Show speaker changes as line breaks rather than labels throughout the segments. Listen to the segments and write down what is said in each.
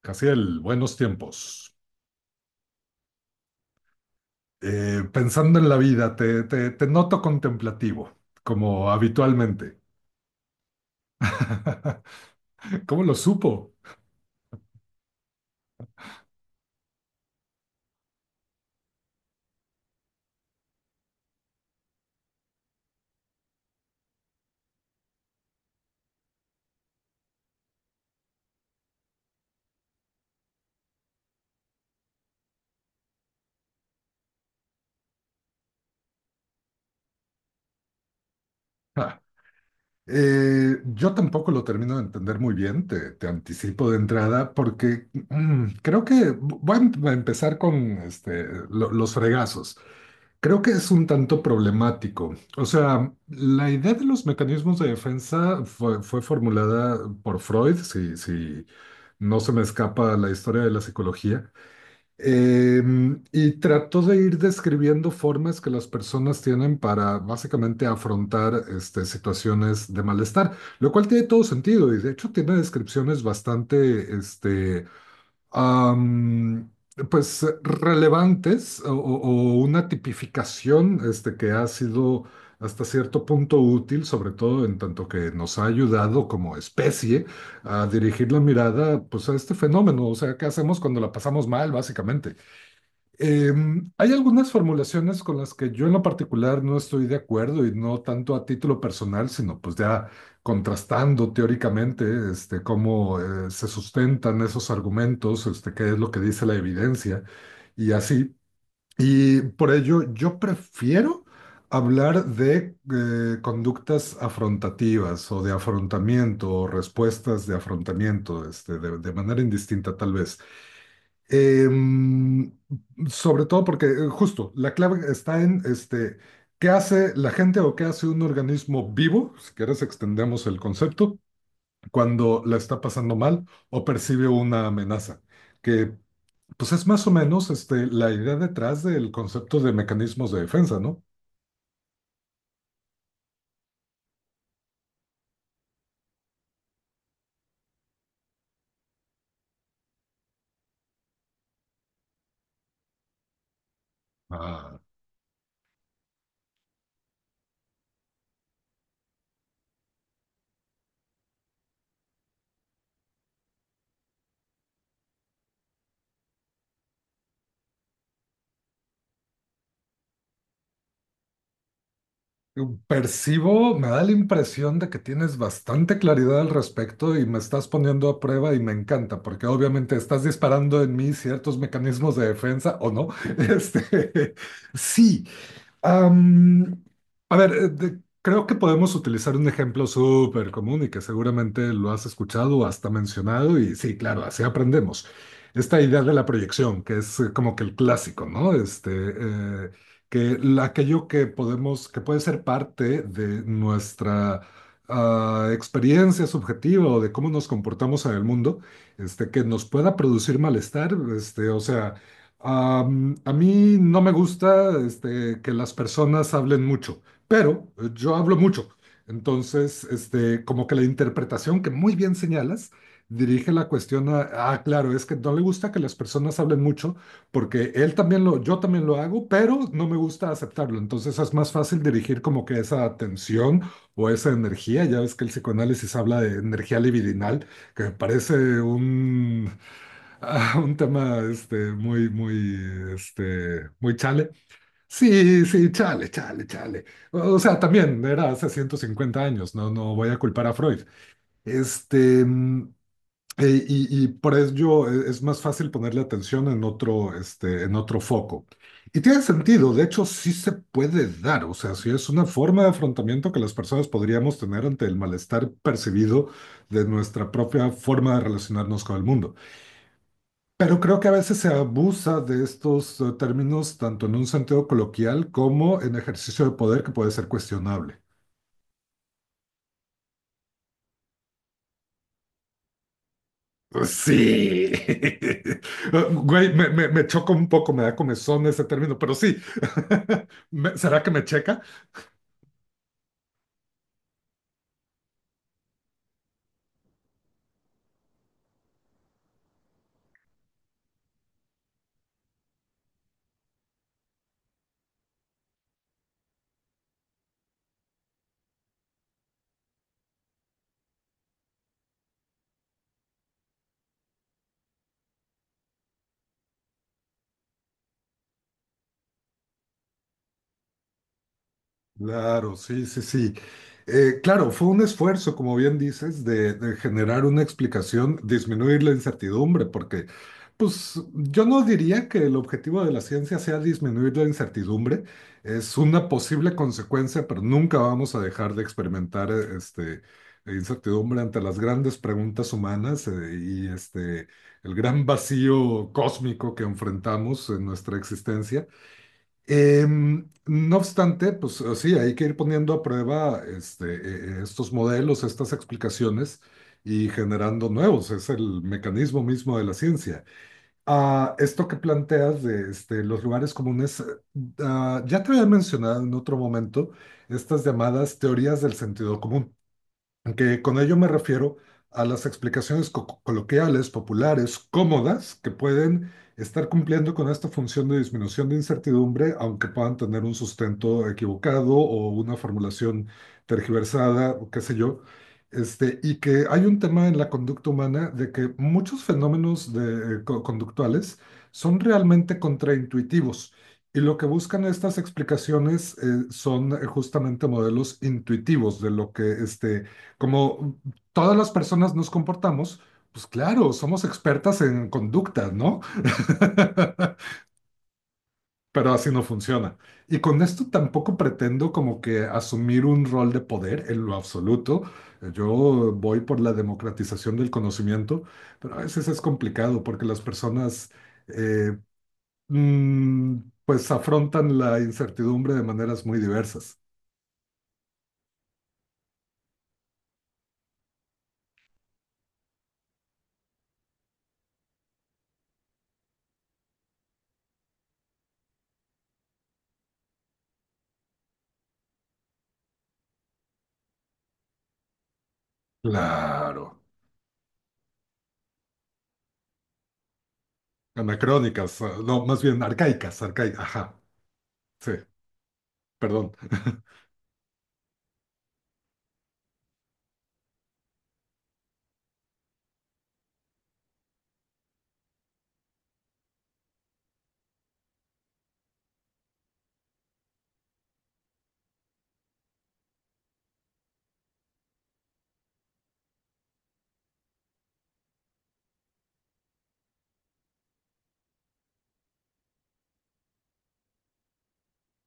Casiel, buenos tiempos. Pensando en la vida, te noto contemplativo, como habitualmente. ¿Cómo lo supo? Ah, yo tampoco lo termino de entender muy bien, te anticipo de entrada, porque creo que voy a empezar con este, los fregazos. Creo que es un tanto problemático. O sea, la idea de los mecanismos de defensa fue formulada por Freud, si no se me escapa la historia de la psicología. Y trató de ir describiendo formas que las personas tienen para básicamente afrontar situaciones de malestar, lo cual tiene todo sentido y de hecho tiene descripciones bastante am, pues relevantes o una tipificación que ha sido hasta cierto punto útil, sobre todo en tanto que nos ha ayudado como especie a dirigir la mirada pues, a este fenómeno. O sea, ¿qué hacemos cuando la pasamos mal, básicamente? Hay algunas formulaciones con las que yo en lo particular no estoy de acuerdo, y no tanto a título personal, sino pues ya contrastando teóricamente cómo se sustentan esos argumentos, qué es lo que dice la evidencia y así. Y por ello yo prefiero hablar de conductas afrontativas o de afrontamiento o respuestas de afrontamiento, de manera indistinta tal vez. Em, Sobre todo porque justo la clave está en qué hace la gente o qué hace un organismo vivo, si quieres extendemos el concepto, cuando la está pasando mal o percibe una amenaza, que pues es más o menos la idea detrás del concepto de mecanismos de defensa, ¿no? Ah. Percibo, me da la impresión de que tienes bastante claridad al respecto y me estás poniendo a prueba, y me encanta, porque obviamente estás disparando en mí ciertos mecanismos de defensa o no. Este, sí. Am, a ver, creo que podemos utilizar un ejemplo súper común y que seguramente lo has escuchado o hasta mencionado, y sí, claro, así aprendemos. Esta idea de la proyección, que es como que el clásico, ¿no? Que aquello que podemos, que puede ser parte de nuestra experiencia subjetiva o de cómo nos comportamos en el mundo, que nos pueda producir malestar, o sea... a mí no me gusta que las personas hablen mucho, pero yo hablo mucho. Entonces, como que la interpretación que muy bien señalas dirige la cuestión a, claro, es que no le gusta que las personas hablen mucho porque él también yo también lo hago, pero no me gusta aceptarlo. Entonces es más fácil dirigir como que esa atención o esa energía. Ya ves que el psicoanálisis habla de energía libidinal, que me parece un a un tema muy chale. Sí, sí, chale, chale, chale. O sea, también era hace 150 años, no voy a culpar a Freud. Este, mm, y por ello es más fácil ponerle atención en otro, en otro foco. Y tiene sentido, de hecho, sí se puede dar, o sea, sí es una forma de afrontamiento que las personas podríamos tener ante el malestar percibido de nuestra propia forma de relacionarnos con el mundo. Pero creo que a veces se abusa de estos términos tanto en un sentido coloquial como en ejercicio de poder que puede ser cuestionable. Sí. Güey, me choca un poco, me da comezón ese término, pero sí. ¿Será que me checa? Claro, sí, sí, sí. Claro, fue un esfuerzo, como bien dices, de generar una explicación, disminuir la incertidumbre, porque, pues, yo no diría que el objetivo de la ciencia sea disminuir la incertidumbre, es una posible consecuencia, pero nunca vamos a dejar de experimentar, incertidumbre ante las grandes preguntas humanas, y el gran vacío cósmico que enfrentamos en nuestra existencia. No obstante, pues sí, hay que ir poniendo a prueba estos modelos, estas explicaciones, y generando nuevos. Es el mecanismo mismo de la ciencia. Esto que planteas de los lugares comunes, ya te había mencionado en otro momento estas llamadas teorías del sentido común, que con ello me refiero a las explicaciones coloquiales, populares, cómodas, que pueden estar cumpliendo con esta función de disminución de incertidumbre, aunque puedan tener un sustento equivocado o una formulación tergiversada, o qué sé yo. Y que hay un tema en la conducta humana de que muchos fenómenos conductuales son realmente contraintuitivos. Y lo que buscan estas explicaciones son justamente modelos intuitivos de lo que como todas las personas nos comportamos, pues claro, somos expertas en conducta, ¿no? Pero así no funciona. Y con esto tampoco pretendo como que asumir un rol de poder en lo absoluto. Yo voy por la democratización del conocimiento, pero a veces es complicado porque las personas eh, mm, pues afrontan la incertidumbre de maneras muy diversas. Claro, anacrónicas, ah, no, más bien arcaicas, arcaicas, ajá, sí. Perdón,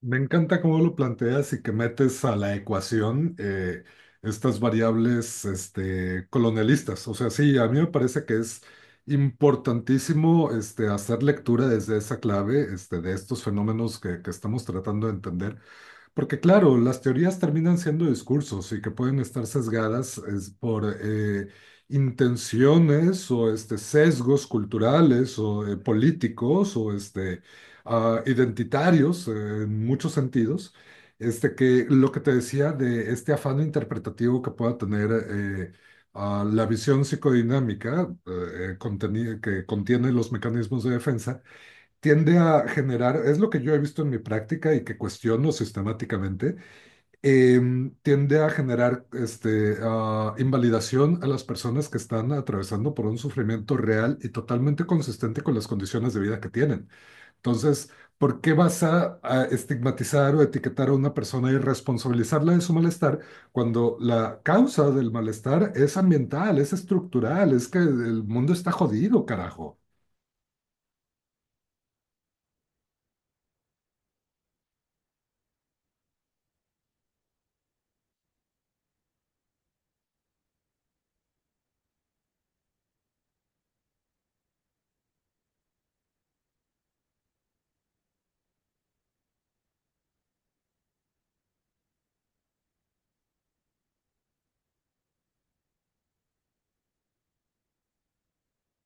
me encanta cómo lo planteas y que metes a la ecuación estas variables colonialistas. O sea, sí, a mí me parece que es importantísimo hacer lectura desde esa clave de estos fenómenos que estamos tratando de entender. Porque claro, las teorías terminan siendo discursos y que pueden estar sesgadas es, por intenciones o sesgos culturales o políticos o identitarios en muchos sentidos. Que lo que te decía de este afán interpretativo que pueda tener la visión psicodinámica que contiene los mecanismos de defensa tiende a generar, es lo que yo he visto en mi práctica y que cuestiono sistemáticamente. Tiende a generar invalidación a las personas que están atravesando por un sufrimiento real y totalmente consistente con las condiciones de vida que tienen. Entonces, ¿por qué vas a estigmatizar o etiquetar a una persona y responsabilizarla de su malestar cuando la causa del malestar es ambiental, es estructural, es que el mundo está jodido, carajo?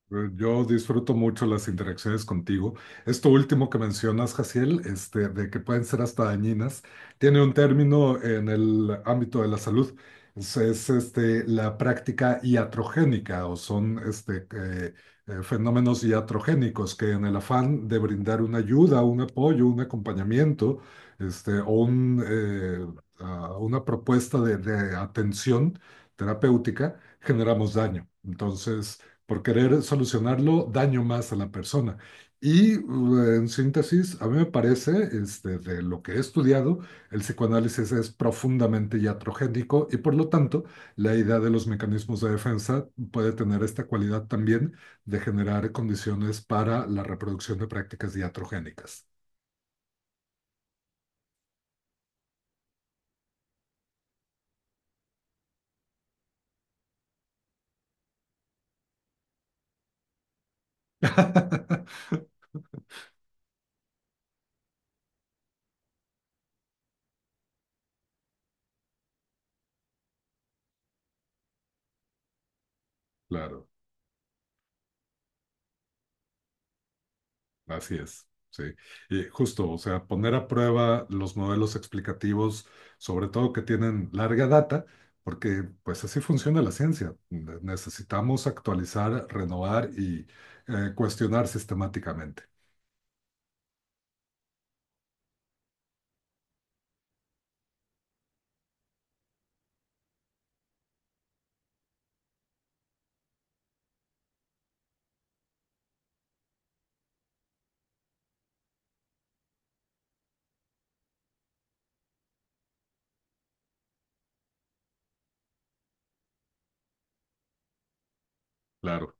Pues, yo disfruto mucho las interacciones contigo. Esto último que mencionas, Jaciel, de que pueden ser hasta dañinas, tiene un término en el ámbito de la salud. Es la práctica iatrogénica, o son fenómenos iatrogénicos, que en el afán de brindar una ayuda, un apoyo, un acompañamiento o un, una propuesta de atención terapéutica, generamos daño. Entonces, por querer solucionarlo, daño más a la persona. Y en síntesis, a mí me parece, de lo que he estudiado, el psicoanálisis es profundamente iatrogénico, y por lo tanto la idea de los mecanismos de defensa puede tener esta cualidad también de generar condiciones para la reproducción de prácticas iatrogénicas. Claro. Así es, sí. Y justo, o sea, poner a prueba los modelos explicativos, sobre todo que tienen larga data, porque pues así funciona la ciencia. Necesitamos actualizar, renovar y cuestionar sistemáticamente. Claro.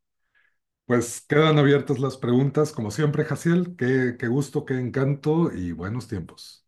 Pues quedan abiertas las preguntas, como siempre, Jaciel. Qué, qué gusto, qué encanto y buenos tiempos.